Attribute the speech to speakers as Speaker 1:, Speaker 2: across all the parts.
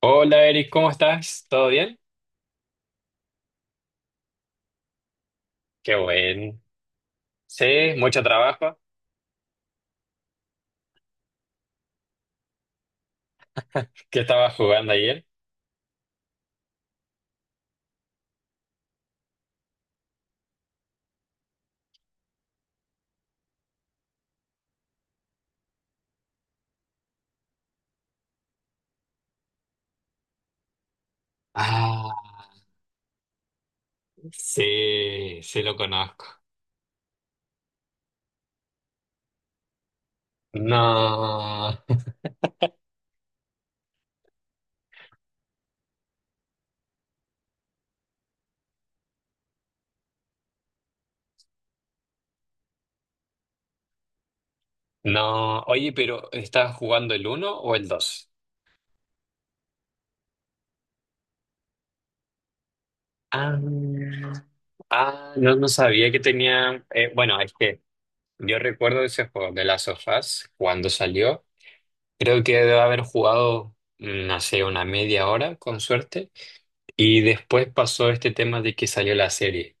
Speaker 1: Hola Eric, ¿cómo estás? ¿Todo bien? Qué bueno. Sí, mucho trabajo. ¿Qué estabas jugando ayer? Ah, sí, sí lo conozco. No, no. Oye, pero ¿estabas jugando el uno o el dos? Ah, ah, no, no sabía que tenía. Bueno, es que yo recuerdo ese juego de Last of Us cuando salió. Creo que debo haber jugado, no sé, una media hora, con suerte. Y después pasó este tema de que salió la serie.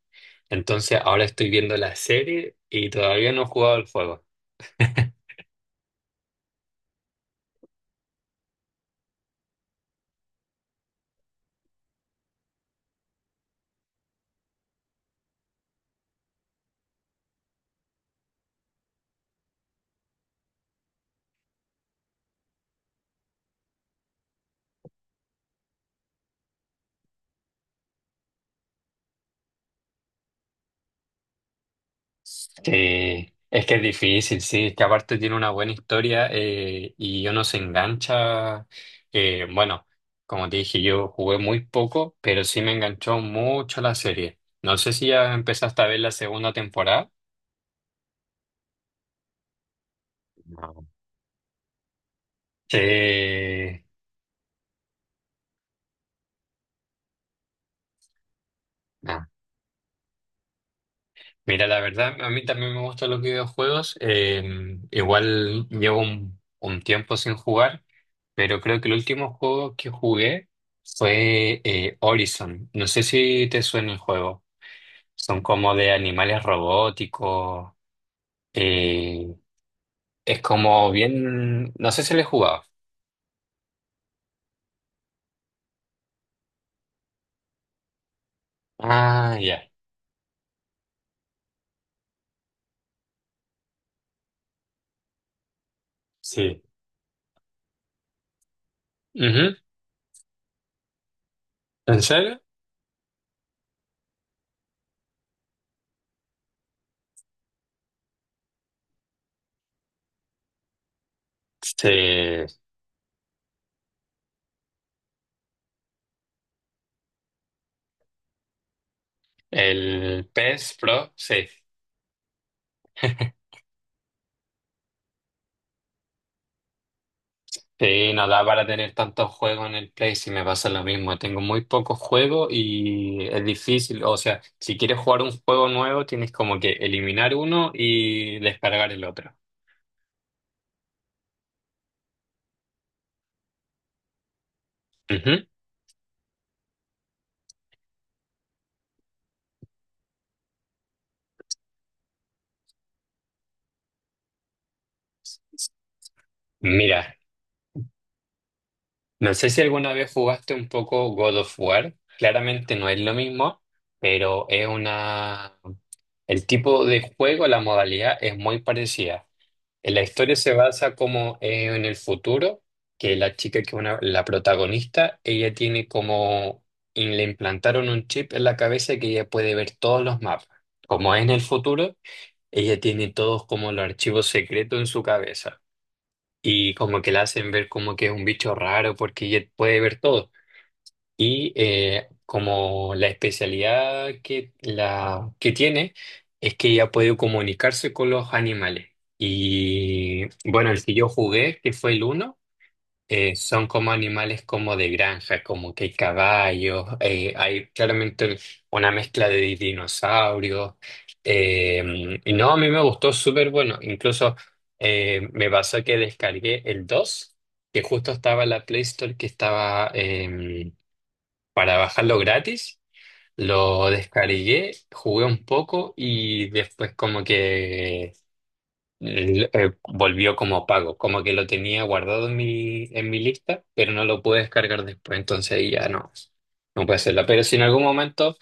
Speaker 1: Entonces ahora estoy viendo la serie y todavía no he jugado el juego. Sí, es que es difícil, sí, es que aparte tiene una buena historia y uno se engancha. Bueno, como te dije, yo jugué muy poco, pero sí me enganchó mucho la serie. No sé si ya empezaste a ver la segunda temporada. No. Sí. Mira, la verdad, a mí también me gustan los videojuegos. Igual llevo un tiempo sin jugar, pero creo que el último juego que jugué fue Horizon. No sé si te suena el juego. Son como de animales robóticos. eh, es como bien... No sé si le he jugado. Ah, ya. Sí. Ujú. ¿En serio? Sí. El PS Pro, sí. Sí, no da para tener tantos juegos en el Play, si me pasa lo mismo. Tengo muy pocos juegos y es difícil. O sea, si quieres jugar un juego nuevo, tienes como que eliminar uno y descargar el otro. Ujú. Mira, no sé si alguna vez jugaste un poco God of War. Claramente no es lo mismo, pero es una... El tipo de juego, la modalidad es muy parecida. En la historia se basa como en el futuro, que la chica que es una, la protagonista, ella tiene como, y le implantaron un chip en la cabeza que ella puede ver todos los mapas. Como es en el futuro, ella tiene todos como los archivos secretos en su cabeza. Y como que la hacen ver como que es un bicho raro porque ella puede ver todo. Y como la especialidad que, la, que tiene es que ella puede comunicarse con los animales. Y bueno, el que yo jugué, que fue el uno, son como animales como de granja, como que hay caballos, hay claramente una mezcla de dinosaurios. Y no, a mí me gustó súper bueno. Incluso me pasó que descargué el 2 que justo estaba en la Play Store, que estaba... para bajarlo gratis. Lo descargué, jugué un poco y después como que volvió como pago, como que lo tenía guardado en mi lista, pero no lo pude descargar después, entonces ahí ya no, no puede hacerla. Pero si en algún momento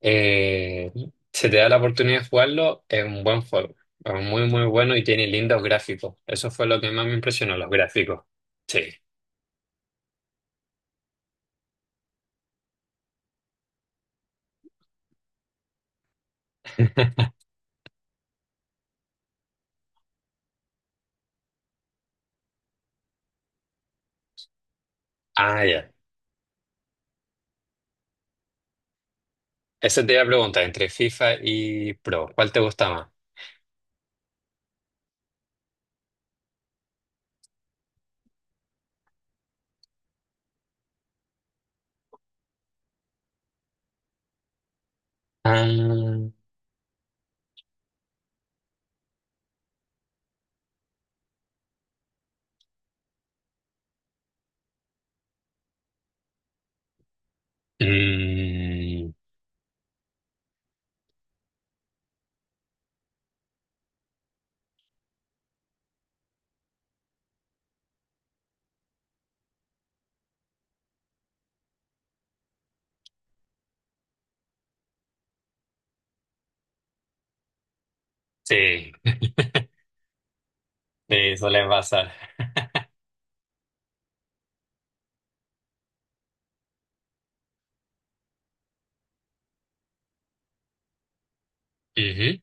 Speaker 1: eh, se te da la oportunidad de jugarlo, es un buen juego, es muy muy bueno y tiene lindos gráficos. Eso fue lo que más me impresionó, los gráficos. Sí. Ah, ya. Eso te iba a preguntar, entre FIFA y Pro, ¿cuál te gusta más? Ah, mm, sí, sí, suele pasar. Ujú.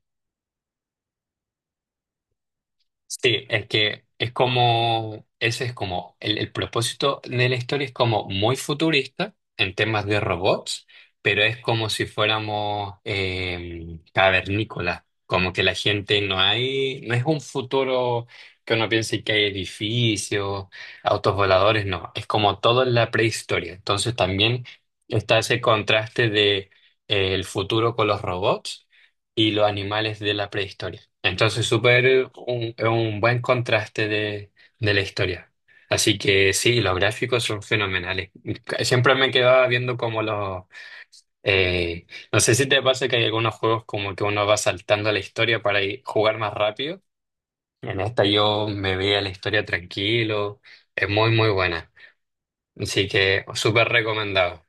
Speaker 1: Sí, es que es como, ese es como, el propósito de la historia es como muy futurista en temas de robots, pero es como si fuéramos cavernícolas, como que la gente no hay, no es un futuro que uno piense que hay edificios, autos voladores, no, es como todo en la prehistoria. Entonces también está ese contraste de el futuro con los robots y los animales de la prehistoria. Entonces, súper es un buen contraste de la historia. Así que sí, los gráficos son fenomenales. Siempre me quedaba viendo como los... eh, no sé si te pasa que hay algunos juegos como que uno va saltando la historia para ir- jugar más rápido. En esta yo me veía la historia tranquilo. Es muy, muy buena. Así que súper recomendado.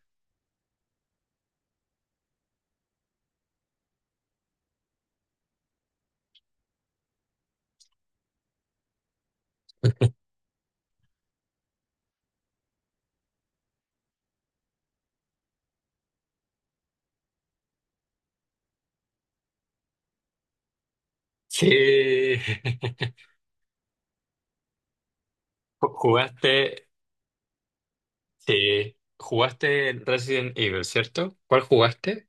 Speaker 1: Sí, ¿jugaste? Sí, jugaste Resident Evil, ¿cierto? ¿Cuál jugaste?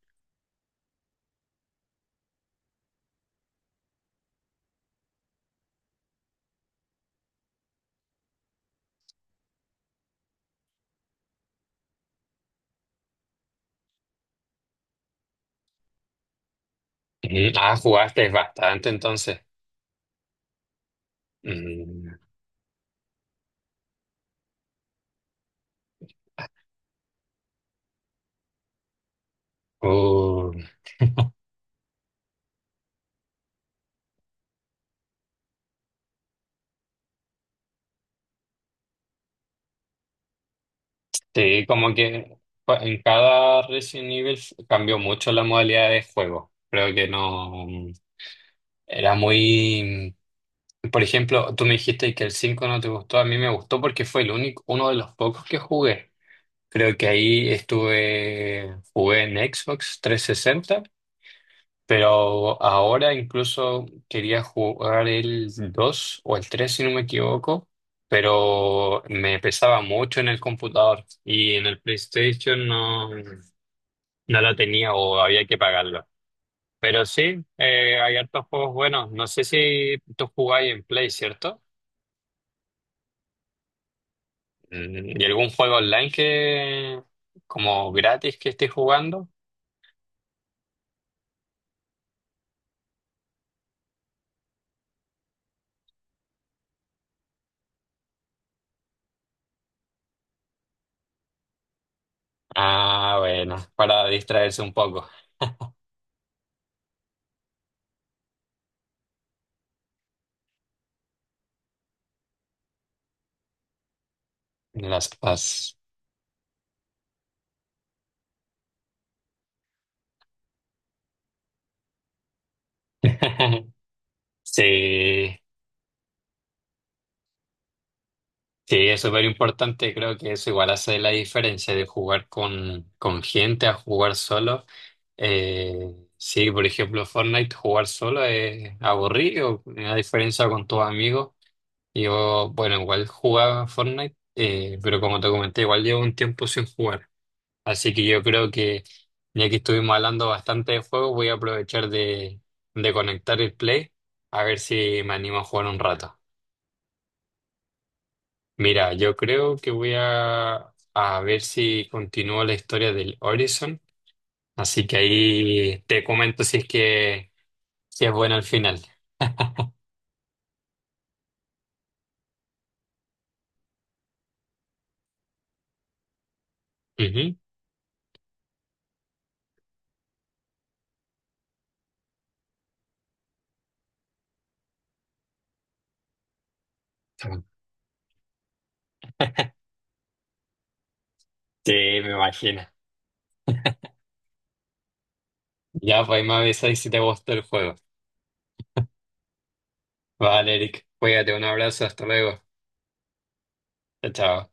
Speaker 1: Sí. Ah, jugaste bastante entonces. Mm, uh, sí, como que en cada Resident Evil cambió mucho la modalidad de juego. Creo que no era muy... Por ejemplo, tú me dijiste que el 5 no te gustó, a mí me gustó porque fue el único, uno de los pocos que jugué. Creo que ahí estuve, jugué en Xbox 360. Pero ahora incluso quería jugar el 2 o el 3 si no me equivoco, pero me pesaba mucho en el computador y en el PlayStation no, no lo tenía o había que pagarlo. Pero sí, hay hartos juegos buenos. No sé si tú jugáis en Play, ¿cierto? ¿Y algún juego online que, como gratis que estés jugando? Ah, bueno, para distraerse un poco. Las paz. Sí. Sí, es súper importante, creo que eso igual hace la diferencia de jugar con gente a jugar solo. Sí, por ejemplo, Fortnite jugar solo es aburrido, a diferencia con tus amigos. Yo, bueno, igual jugaba Fortnite, pero como te comenté, igual llevo un tiempo sin jugar. Así que yo creo que ya que estuvimos hablando bastante de juego, voy a aprovechar de conectar el Play a ver si me animo a jugar un rato. Mira, yo creo que voy a ver si continúo la historia del Horizon, así que ahí te comento si es que, si es buena al final. Ujú. Sí, me imagino. Ya, pues ahí me avisáis si te gustó el juego. Vale, Eric, cuídate, un abrazo, hasta luego. Chao, chao.